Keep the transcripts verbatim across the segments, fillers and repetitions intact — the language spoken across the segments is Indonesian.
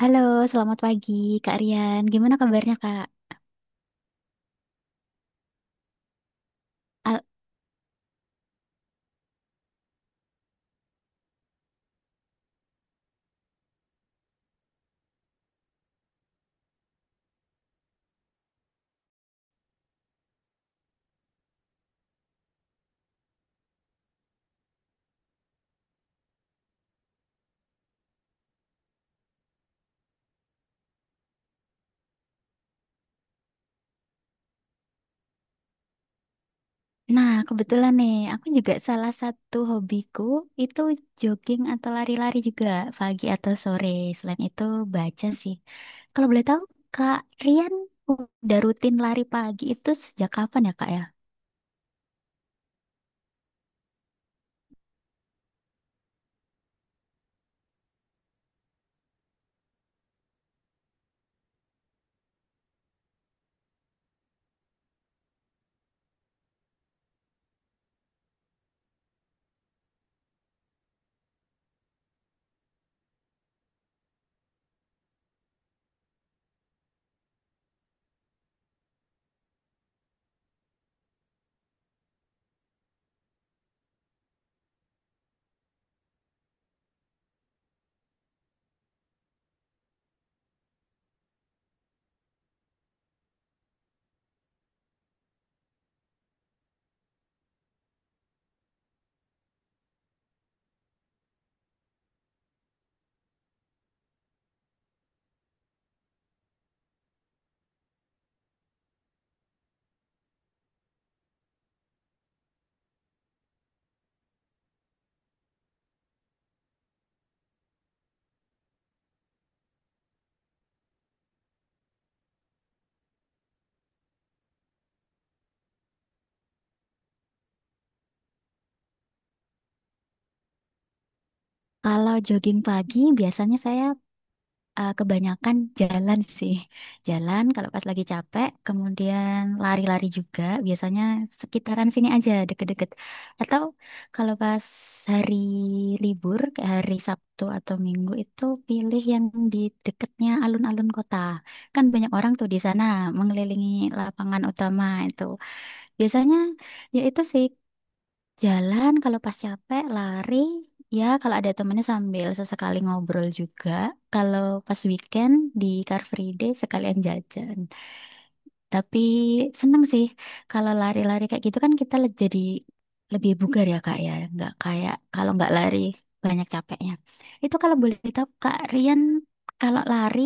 Halo, selamat pagi Kak Rian. Gimana kabarnya Kak? Al- Nah, kebetulan nih, aku juga salah satu hobiku itu jogging atau lari-lari juga pagi atau sore. Selain itu baca sih. Kalau boleh tahu, Kak Rian udah rutin lari pagi itu sejak kapan ya Kak ya? Kalau jogging pagi biasanya saya, Eh, kebanyakan jalan sih. Jalan kalau pas lagi capek, kemudian lari-lari juga. Biasanya sekitaran sini aja, deket-deket. Atau kalau pas hari libur, kayak hari Sabtu atau Minggu itu pilih yang di deketnya alun-alun kota. Kan banyak orang tuh di sana mengelilingi lapangan utama itu. Biasanya ya itu sih, jalan kalau pas capek, lari. Ya, kalau ada temennya sambil sesekali ngobrol juga. Kalau pas weekend di Car Free Day sekalian jajan. Tapi seneng sih kalau lari-lari kayak gitu kan kita le- jadi lebih bugar ya Kak ya. Nggak kayak kalau nggak lari banyak capeknya. Itu kalau boleh tahu Kak Rian, kalau lari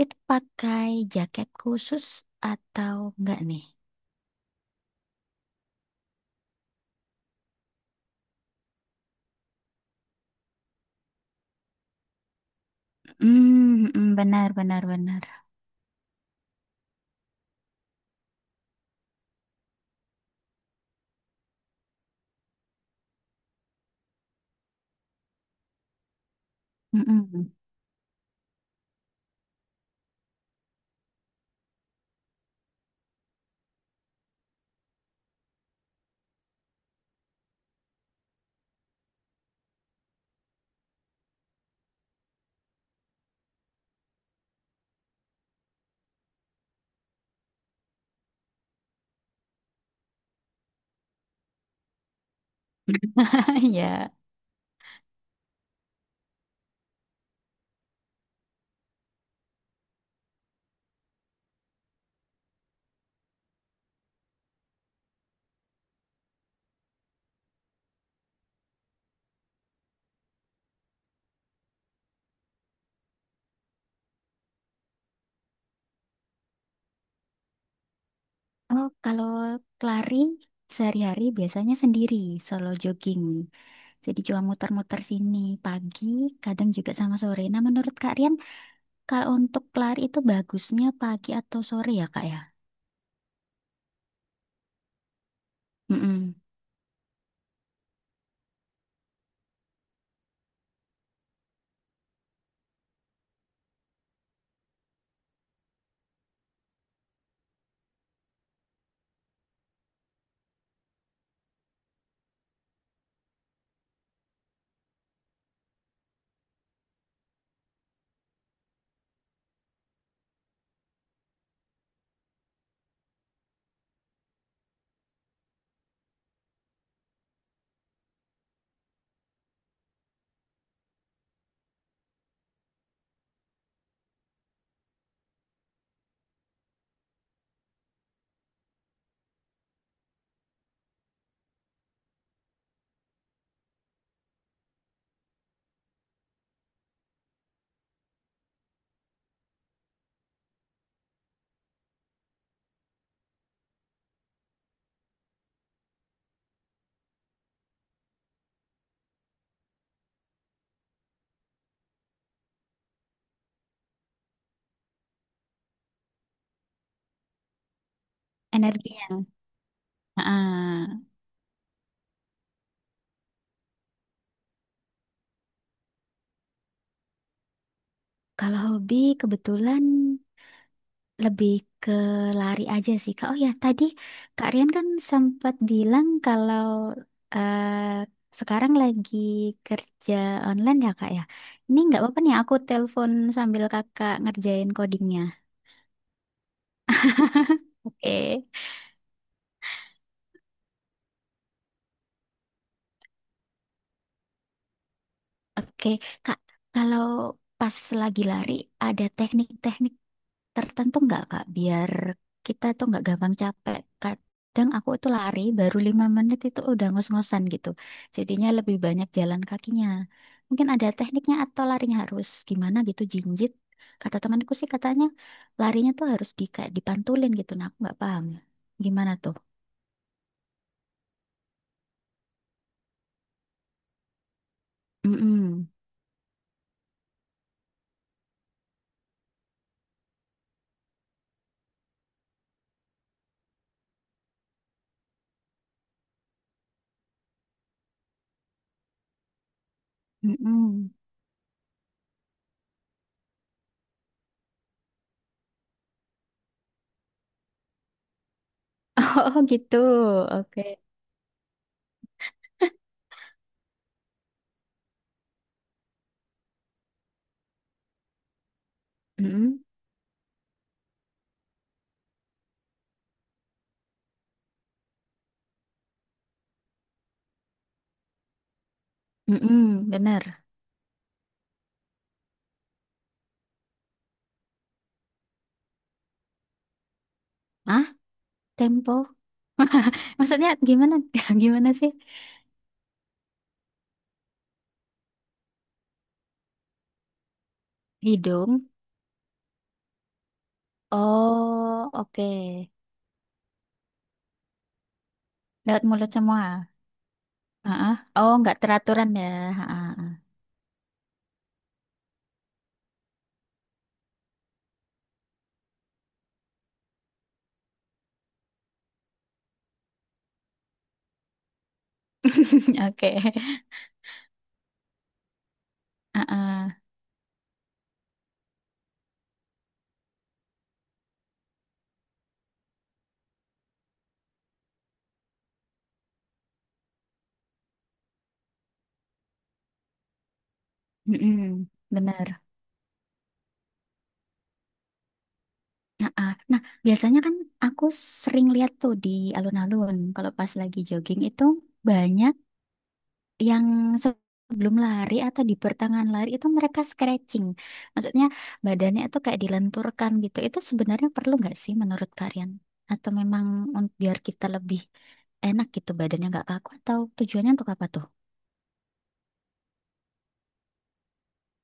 itu pakai jaket khusus atau enggak nih? Hmm, hmm, hmm, benar benar benar. Mm-mm. Iya. Oh, kalau lari sehari-hari biasanya sendiri, solo jogging. Jadi cuma muter-muter sini pagi, kadang juga sama sore. Nah, menurut Kak Rian, kalau untuk lari itu bagusnya pagi atau sore ya, Kak ya? Mm-mm. Energinya. Ah, kalau hobi kebetulan lebih ke lari aja sih Kak. Oh ya, tadi Kak Rian kan sempat bilang kalau eh, sekarang lagi kerja online ya Kak ya. Ini nggak apa-apa nih aku telepon sambil Kakak ngerjain codingnya. Oke. Oke, Kak, kalau pas lagi lari ada teknik-teknik tertentu nggak Kak, biar kita tuh nggak gampang capek. Kadang aku itu lari baru lima menit itu udah ngos-ngosan gitu. Jadinya lebih banyak jalan kakinya. Mungkin ada tekniknya atau larinya harus gimana gitu, jinjit. Kata temanku sih katanya larinya tuh harus di kayak dipantulin gitu. Nah, aku nggak paham. Gimana tuh? Mm-mm. Mm-mm. Oh gitu. Oke. Mm-mm. Mm-mm. Bener. Ah, tempo. Maksudnya gimana? Gimana sih? Hidung. Oh, oke. Lewat mulut semua. Heeh. Oh, nggak teraturan ya. Heeh. Oke. Heeh. Mm-mm. Benar. Heeh. Nah, biasanya kan aku sering lihat tuh di alun-alun kalau pas lagi jogging itu banyak yang sebelum lari atau di pertengahan lari itu mereka stretching. Maksudnya badannya itu kayak dilenturkan gitu. Itu sebenarnya perlu nggak sih menurut kalian? Atau memang un- biar kita lebih enak gitu badannya nggak kaku atau tujuannya untuk apa tuh?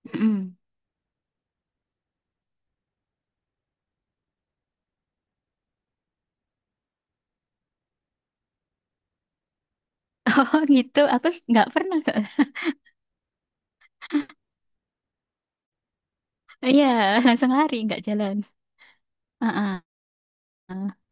Mm-mm. Oh gitu, aku s- nggak pernah soalnya. Iya, langsung lari nggak jalan. Heeh.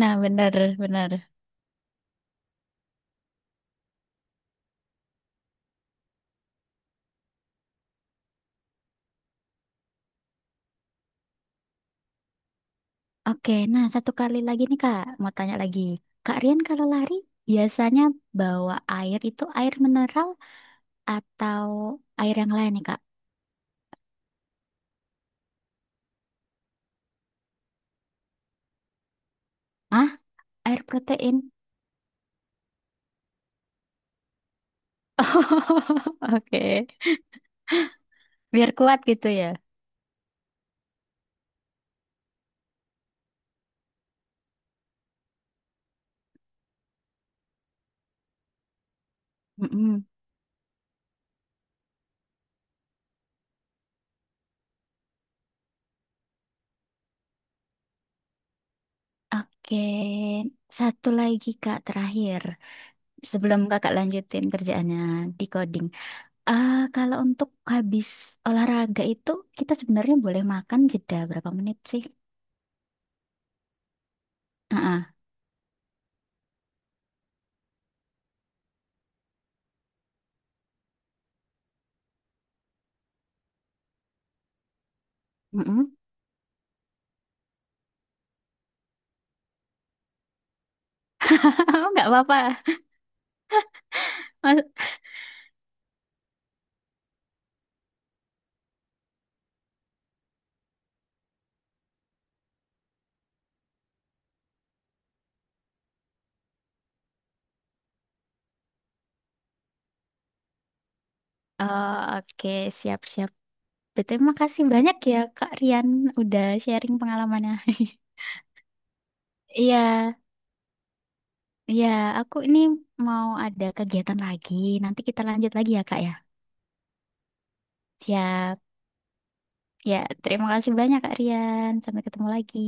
Nah, benar benar. Oke, nah satu kali lagi nih Kak, mau tanya lagi. Kak Rian kalau lari biasanya bawa air itu air mineral atau air yang lain nih Kak? Ah, air protein. Oh, oke, biar kuat gitu ya. Mm-mm. Oke, satu lagi Kak terakhir. Sebelum Kakak lanjutin kerjaannya di coding. Ah, kalau untuk habis olahraga itu kita sebenarnya boleh makan jeda berapa menit sih? Ah, mm Nggak apa-apa. Mas- Oh, oke, siap-siap. Betul, makasih banyak ya Kak Rian udah sharing pengalamannya. Iya. Iya, aku ini mau ada kegiatan lagi. Nanti kita lanjut lagi ya, Kak ya. Siap. Ya, terima kasih banyak, Kak Rian. Sampai ketemu lagi.